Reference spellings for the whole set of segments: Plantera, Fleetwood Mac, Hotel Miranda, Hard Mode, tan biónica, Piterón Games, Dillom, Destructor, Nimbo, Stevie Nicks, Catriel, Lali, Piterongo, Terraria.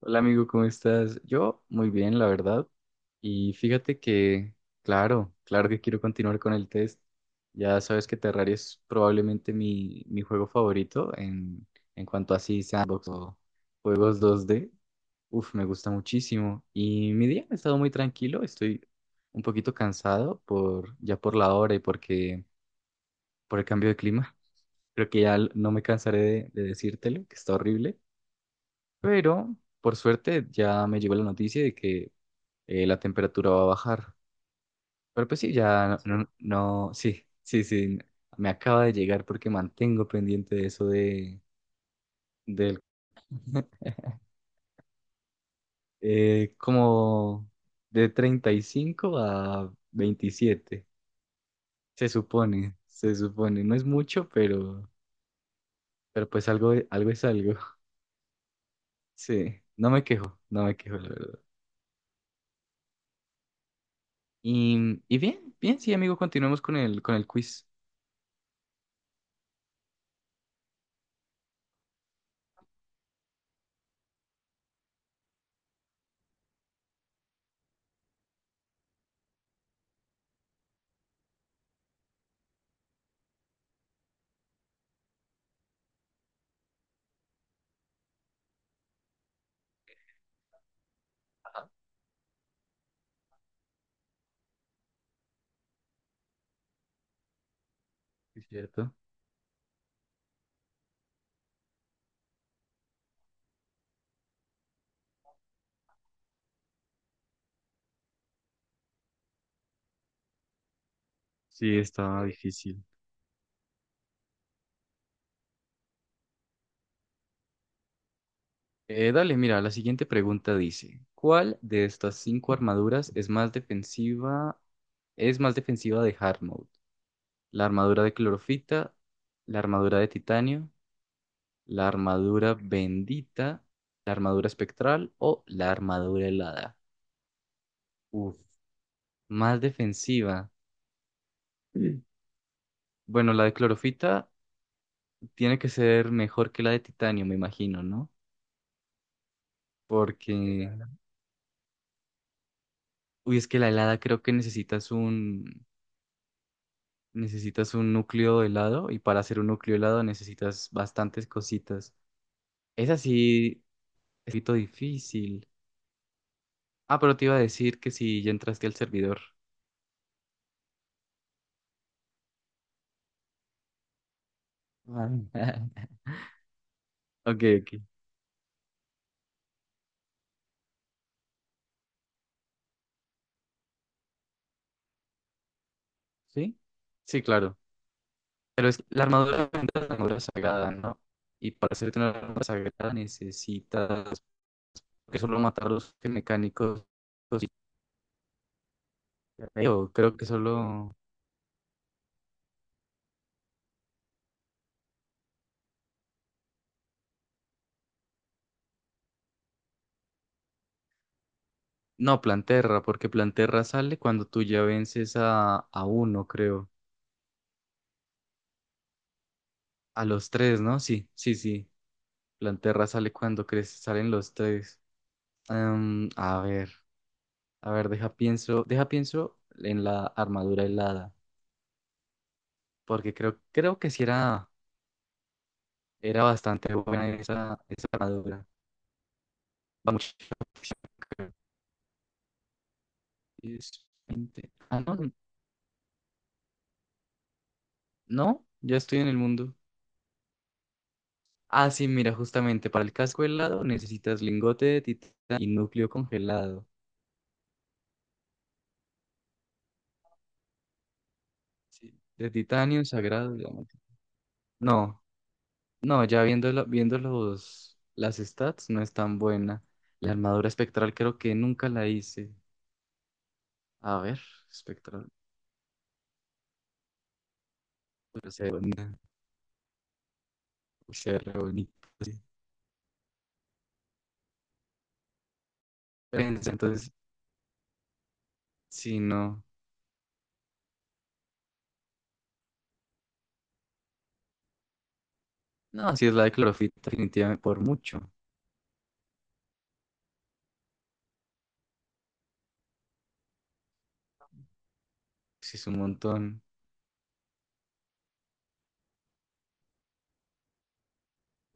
Hola amigo, ¿cómo estás? Yo muy bien, la verdad. Y fíjate que, claro, claro que quiero continuar con el test. Ya sabes que Terraria es probablemente mi juego favorito en cuanto a así sandbox o juegos 2D. Uf, me gusta muchísimo. Y mi día ha estado muy tranquilo, estoy un poquito cansado por ya por la hora y porque por el cambio de clima. Creo que ya no me cansaré de decírtelo, que está horrible. Pero por suerte ya me llegó la noticia de que la temperatura va a bajar. Pero pues sí, ya no, no, sí, sí, sí, me acaba de llegar porque mantengo pendiente de eso de, del, como de 35 a 27, se supone, no es mucho, pero pues algo, algo es algo. Sí, no me quejo, no me quejo, la verdad. Y bien, bien, sí, amigo, continuemos con el quiz. Sí, ¿cierto? Sí, está difícil. Dale, mira, la siguiente pregunta dice, ¿cuál de estas cinco armaduras es más defensiva de Hard Mode? ¿La armadura de clorofita, la armadura de titanio, la armadura bendita, la armadura espectral o la armadura helada? Uf, más defensiva. Mm. Bueno, la de clorofita tiene que ser mejor que la de titanio, me imagino, ¿no? Porque, uy, es que la helada creo que necesitas un núcleo helado y para hacer un núcleo helado necesitas bastantes cositas. Es así, es un poquito difícil. Ah, pero te iba a decir que si ya entraste al servidor. Ah. Ok, ok. ¿Sí? Sí, claro. Pero es que la armadura es una armadura sagrada, ¿no? Y para hacerte una armadura sagrada necesitas que solo matar a los mecánicos. Y creo, creo que solo... No, Planterra, porque Planterra sale cuando tú ya vences a uno, creo. A los tres, ¿no? Sí, sí, sí. Planterra sale cuando crece, salen los tres. Em, a ver, deja pienso en la armadura helada, porque creo, creo que sí era, era bastante buena esa, esa armadura. Va mucho. Es 20. Ah, no, no, ya estoy en el mundo. Ah, sí, mira, justamente para el casco helado necesitas lingote de titanio y núcleo congelado. Sí. De titanio sagrado, diamante. No, no, ya viendo, viendo los, las stats, no es tan buena. La armadura espectral creo que nunca la hice. A ver, espectral. Pero se ve bonita. Se ve re bonita. Sí. Prensa, entonces, si no. No, si es la de clorofita, definitivamente por mucho. Si es un montón.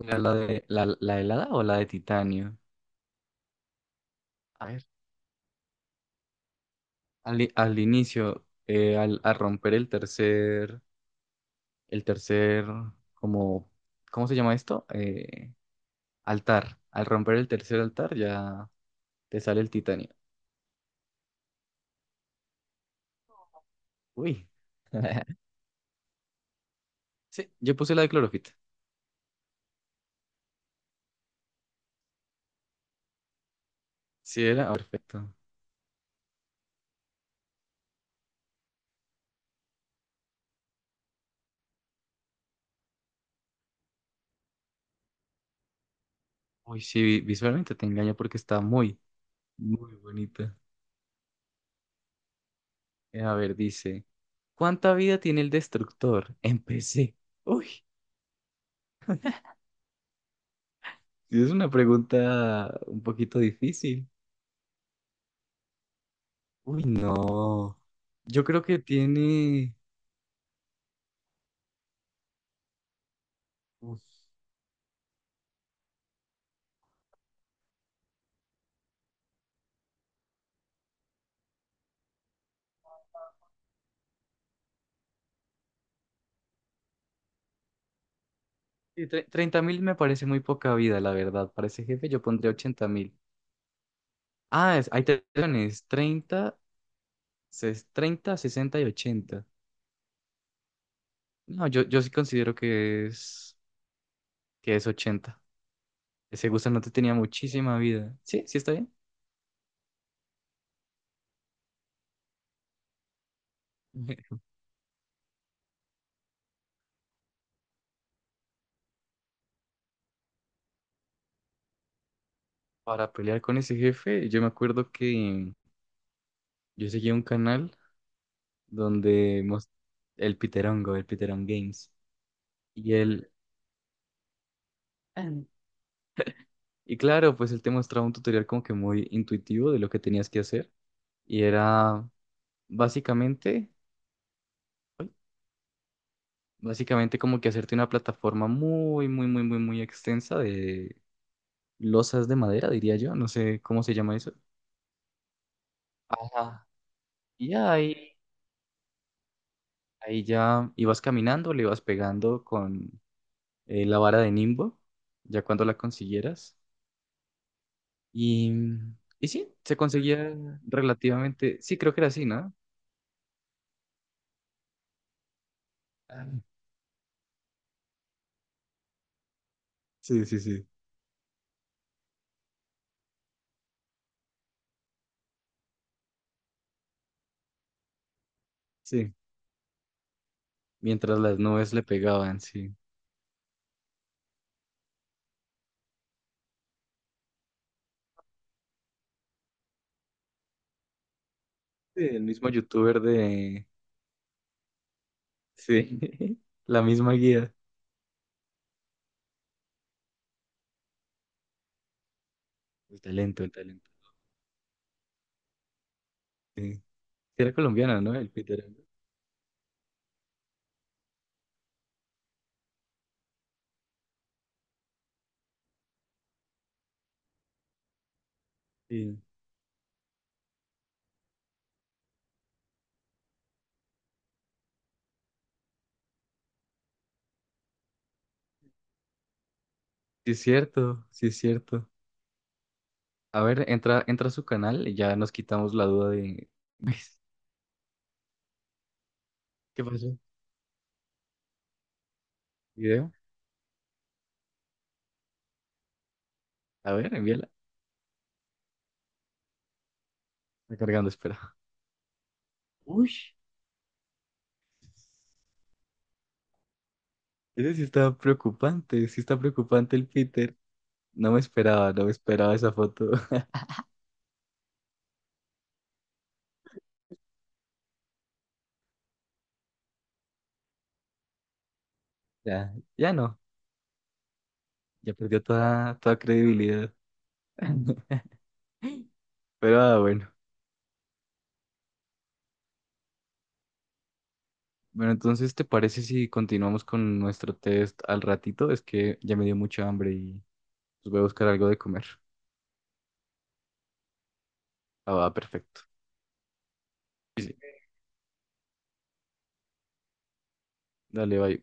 ¿Era la de la helada o la de titanio? A ver. Al, al inicio, al, al romper el tercer, como, ¿cómo se llama esto? Altar. Al romper el tercer altar ya te sale el titanio. Uy. Sí, yo puse la de clorofita. Sí, era, ah, perfecto. Uy, sí, visualmente te engaña porque está muy, muy bonita. A ver, dice, ¿cuánta vida tiene el destructor? Empecé. Uy, sí, es una pregunta un poquito difícil. Uy, no. Yo creo que tiene... Uf. Sí, 30.000 me parece muy poca vida, la verdad. Para ese jefe yo pondría 80.000. Ah, hay telones, treinta, treinta, 60 y 80. No, yo sí considero que es 80. Ese gusanote tenía muchísima vida. Sí, sí está bien. Para pelear con ese jefe, yo me acuerdo que yo seguía un canal donde el Piterongo, el Piterón Games, y él, y claro, pues él te mostraba un tutorial como que muy intuitivo de lo que tenías que hacer, y era básicamente... Básicamente como que hacerte una plataforma muy, muy, muy, muy, muy extensa de losas de madera, diría yo. No sé cómo se llama eso. Ajá. Y ya ahí, ahí ya ibas caminando, le ibas pegando con la vara de Nimbo, ya cuando la consiguieras. Y, mm, y sí, se conseguía relativamente, sí, creo que era así, ¿no? Ah, sí, sí, sí. Sí, mientras las nubes le pegaban, sí. Sí, el mismo youtuber de... Sí, la misma guía. El talento, el talento. Sí. Sí. Era colombiana, ¿no? El Peter. Sí. Sí es cierto, sí es cierto. A ver, entra, entra a su canal y ya nos quitamos la duda de... ¿Qué pasó? ¿Video? A ver, envíala. Está cargando, espera. Uy, ese sí está preocupante el Peter. No me esperaba, no me esperaba esa foto. Ya, ya no, ya perdió toda, toda credibilidad. Pero ah, bueno. Bueno, entonces, ¿te parece si continuamos con nuestro test al ratito? Es que ya me dio mucha hambre. Voy a buscar algo de comer. Ah, va, perfecto. Sí, sí. Dale, bye.